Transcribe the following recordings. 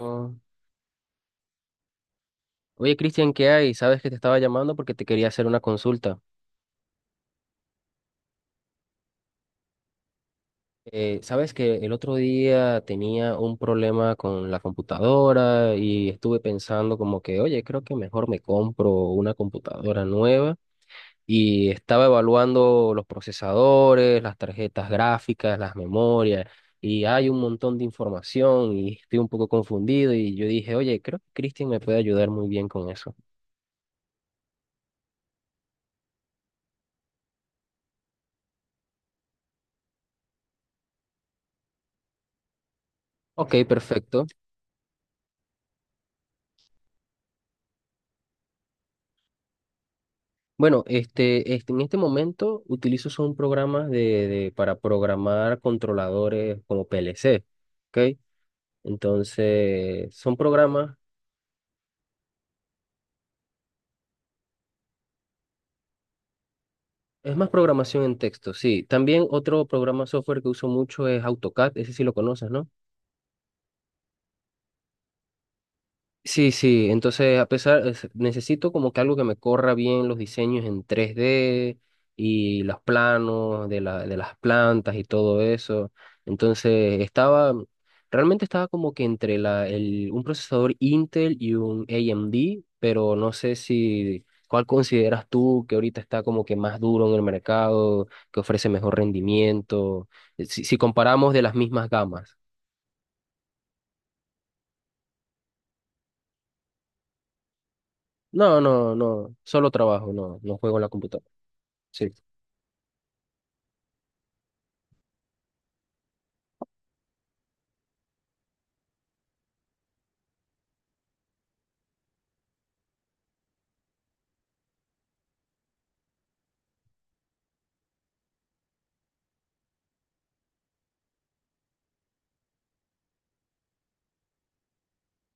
Oh. Oye, Cristian, ¿qué hay? Sabes que te estaba llamando porque te quería hacer una consulta. Sabes que el otro día tenía un problema con la computadora y estuve pensando como que, oye, creo que mejor me compro una computadora nueva y estaba evaluando los procesadores, las tarjetas gráficas, las memorias y hay un montón de información y estoy un poco confundido y yo dije, oye, creo que Cristian me puede ayudar muy bien con eso. Ok, perfecto. Bueno, en este momento utilizo son programas para programar controladores como PLC, ¿ok? Entonces, son programas, es más programación en texto, sí. También otro programa software que uso mucho es AutoCAD, ese sí lo conoces, ¿no? Sí, sí, entonces a pesar, necesito como que algo que me corra bien los diseños en 3D y los planos de de las plantas y todo eso. Entonces estaba, realmente estaba como que entre un procesador Intel y un AMD, pero no sé si, ¿cuál consideras tú que ahorita está como que más duro en el mercado, que ofrece mejor rendimiento? Si, si comparamos de las mismas gamas. No, no, no, solo trabajo, no, no juego en la computadora. Sí.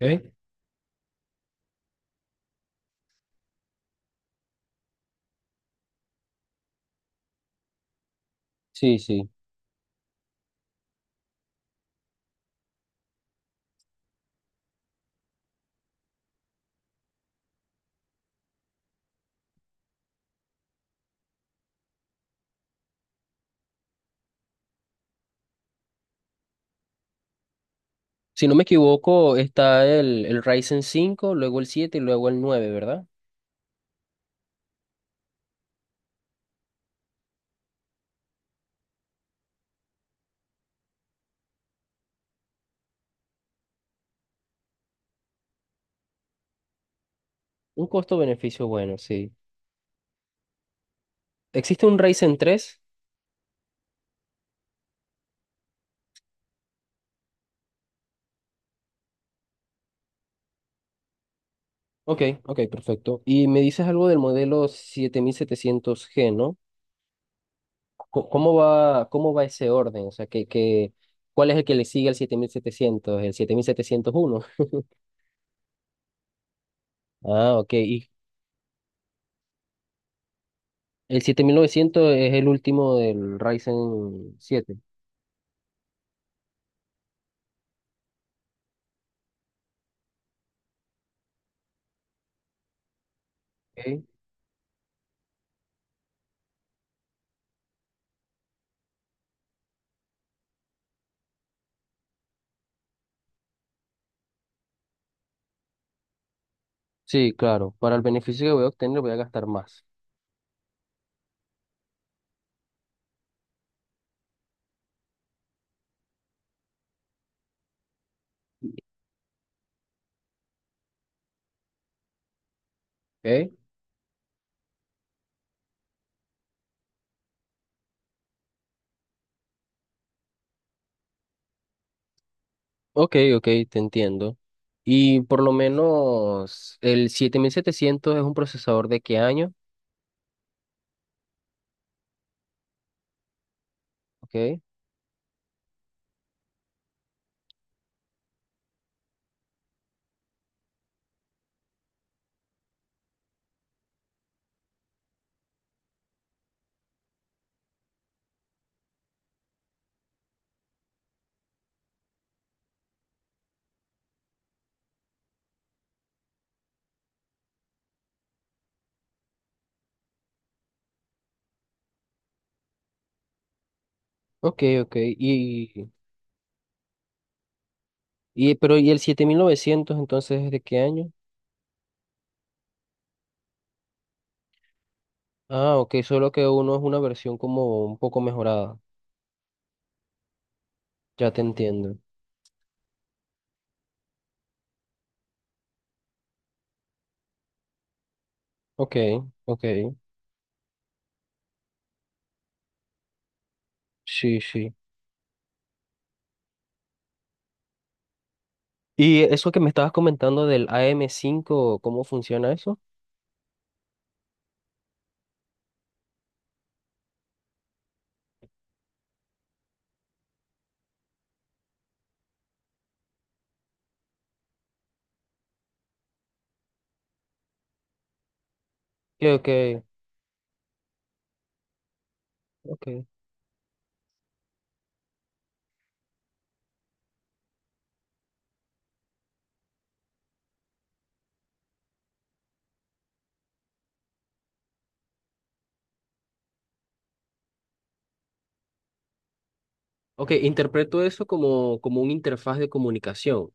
¿Ok? Sí, sí. Si no me equivoco, está el Ryzen 5, luego el 7 y luego el nueve, ¿verdad? Un costo-beneficio bueno, sí. ¿Existe un Ryzen 3? Ok, ok, perfecto. Y me dices algo del modelo 7700G, ¿no? Cómo va ese orden? O sea, ¿cuál es el que le sigue al 7700? ¿El 7701? Ah, ok. Y el 7900 es el último del Ryzen 7. Ok. Sí, claro. Para el beneficio que voy a obtener voy a gastar más. Ok, ok, ok, te entiendo. Y por lo menos el 7700 es un procesador de qué año? Ok, ok, ok. Y, pero ¿y el 7900 entonces es de qué año? Ah, ok, solo que uno es una versión como un poco mejorada. Ya te entiendo. Ok, ok. Sí, sí. ¿Y eso que me estabas comentando del AM5, cómo funciona eso? Ok, ok, ok. Ok, interpreto eso como, como una interfaz de comunicación.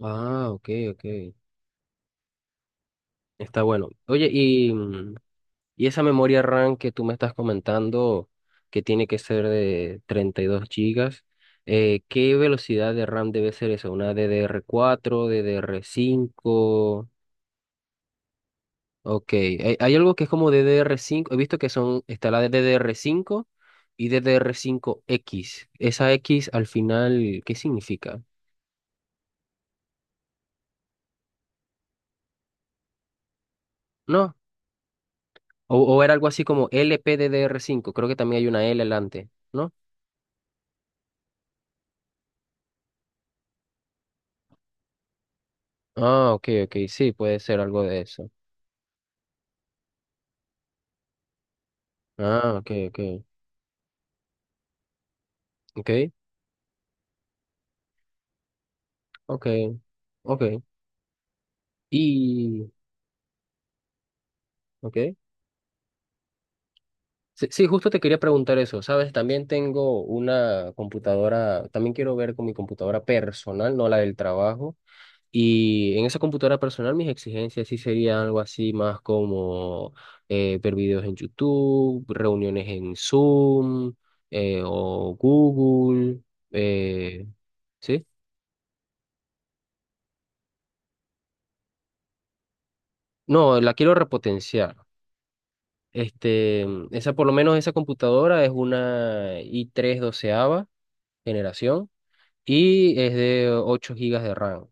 Ah, ok, ok. Está bueno. Oye, y, y esa memoria RAM que tú me estás comentando, que tiene que ser de 32 gigas, ¿qué velocidad de RAM debe ser eso? ¿Una DDR4, cinco? Ok, hay algo que es como DDR5. He visto que son, está la de DDR5 y DDR5X. Esa X al final, ¿qué significa? ¿No? O era algo así como LPDDR5. Creo que también hay una L delante. Ah, ok, ok, sí, puede ser algo de eso. Ah, ok, ok, ok, ok, ok. Y, ok. Sí, sí, justo te quería preguntar eso, ¿sabes? También tengo una computadora, también quiero ver con mi computadora personal, no la del trabajo. Y en esa computadora personal mis exigencias sí serían algo así más como ver videos en YouTube, reuniones en Zoom, o Google, eh, ¿sí? No, la quiero repotenciar. Este, por lo menos esa computadora es una i3 doceava generación y es de 8 gigas de RAM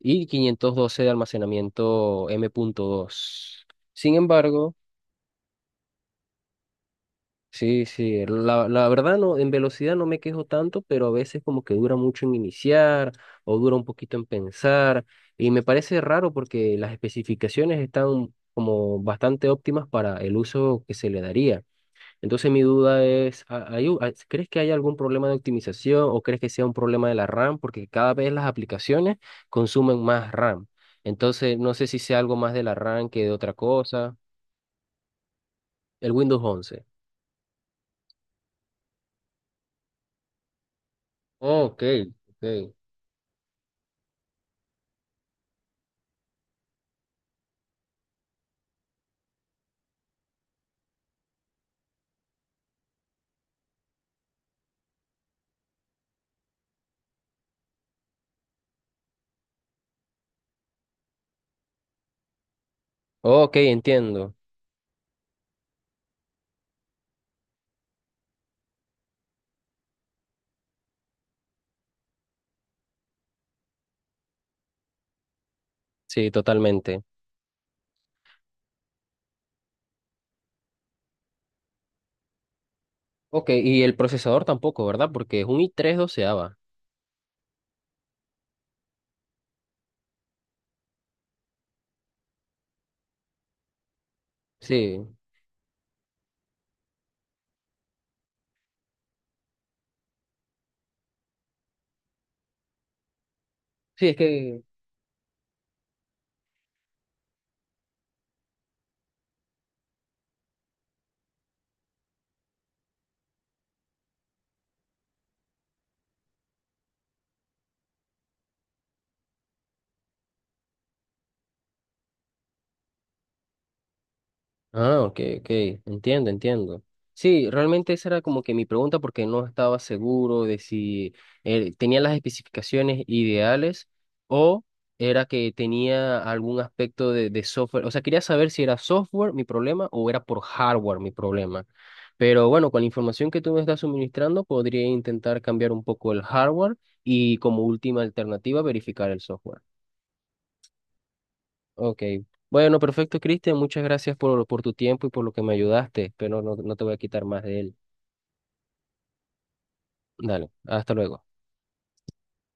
y 512 de almacenamiento M.2. Sin embargo, sí, sí, la verdad no, en velocidad no me quejo tanto, pero a veces como que dura mucho en iniciar o dura un poquito en pensar y me parece raro porque las especificaciones están como bastante óptimas para el uso que se le daría. Entonces mi duda es, ¿crees que hay algún problema de optimización o crees que sea un problema de la RAM? Porque cada vez las aplicaciones consumen más RAM. Entonces no sé si sea algo más de la RAM que de otra cosa. El Windows 11. Oh, ok, ok. Ok, entiendo. Sí, totalmente. Ok, y el procesador tampoco, ¿verdad? Porque es un i3 doceava. Sí, sí, es que... Ah, ok, ok, entiendo, entiendo. Sí, realmente esa era como que mi pregunta porque no estaba seguro de si tenía las especificaciones ideales o era que tenía algún aspecto de software. O sea, quería saber si era software mi problema o era por hardware mi problema. Pero bueno, con la información que tú me estás suministrando, podría intentar cambiar un poco el hardware y como última alternativa verificar el software. Ok. Bueno, perfecto, Cristian. Muchas gracias por tu tiempo y por lo que me ayudaste, pero no, no te voy a quitar más de él. Dale, hasta luego.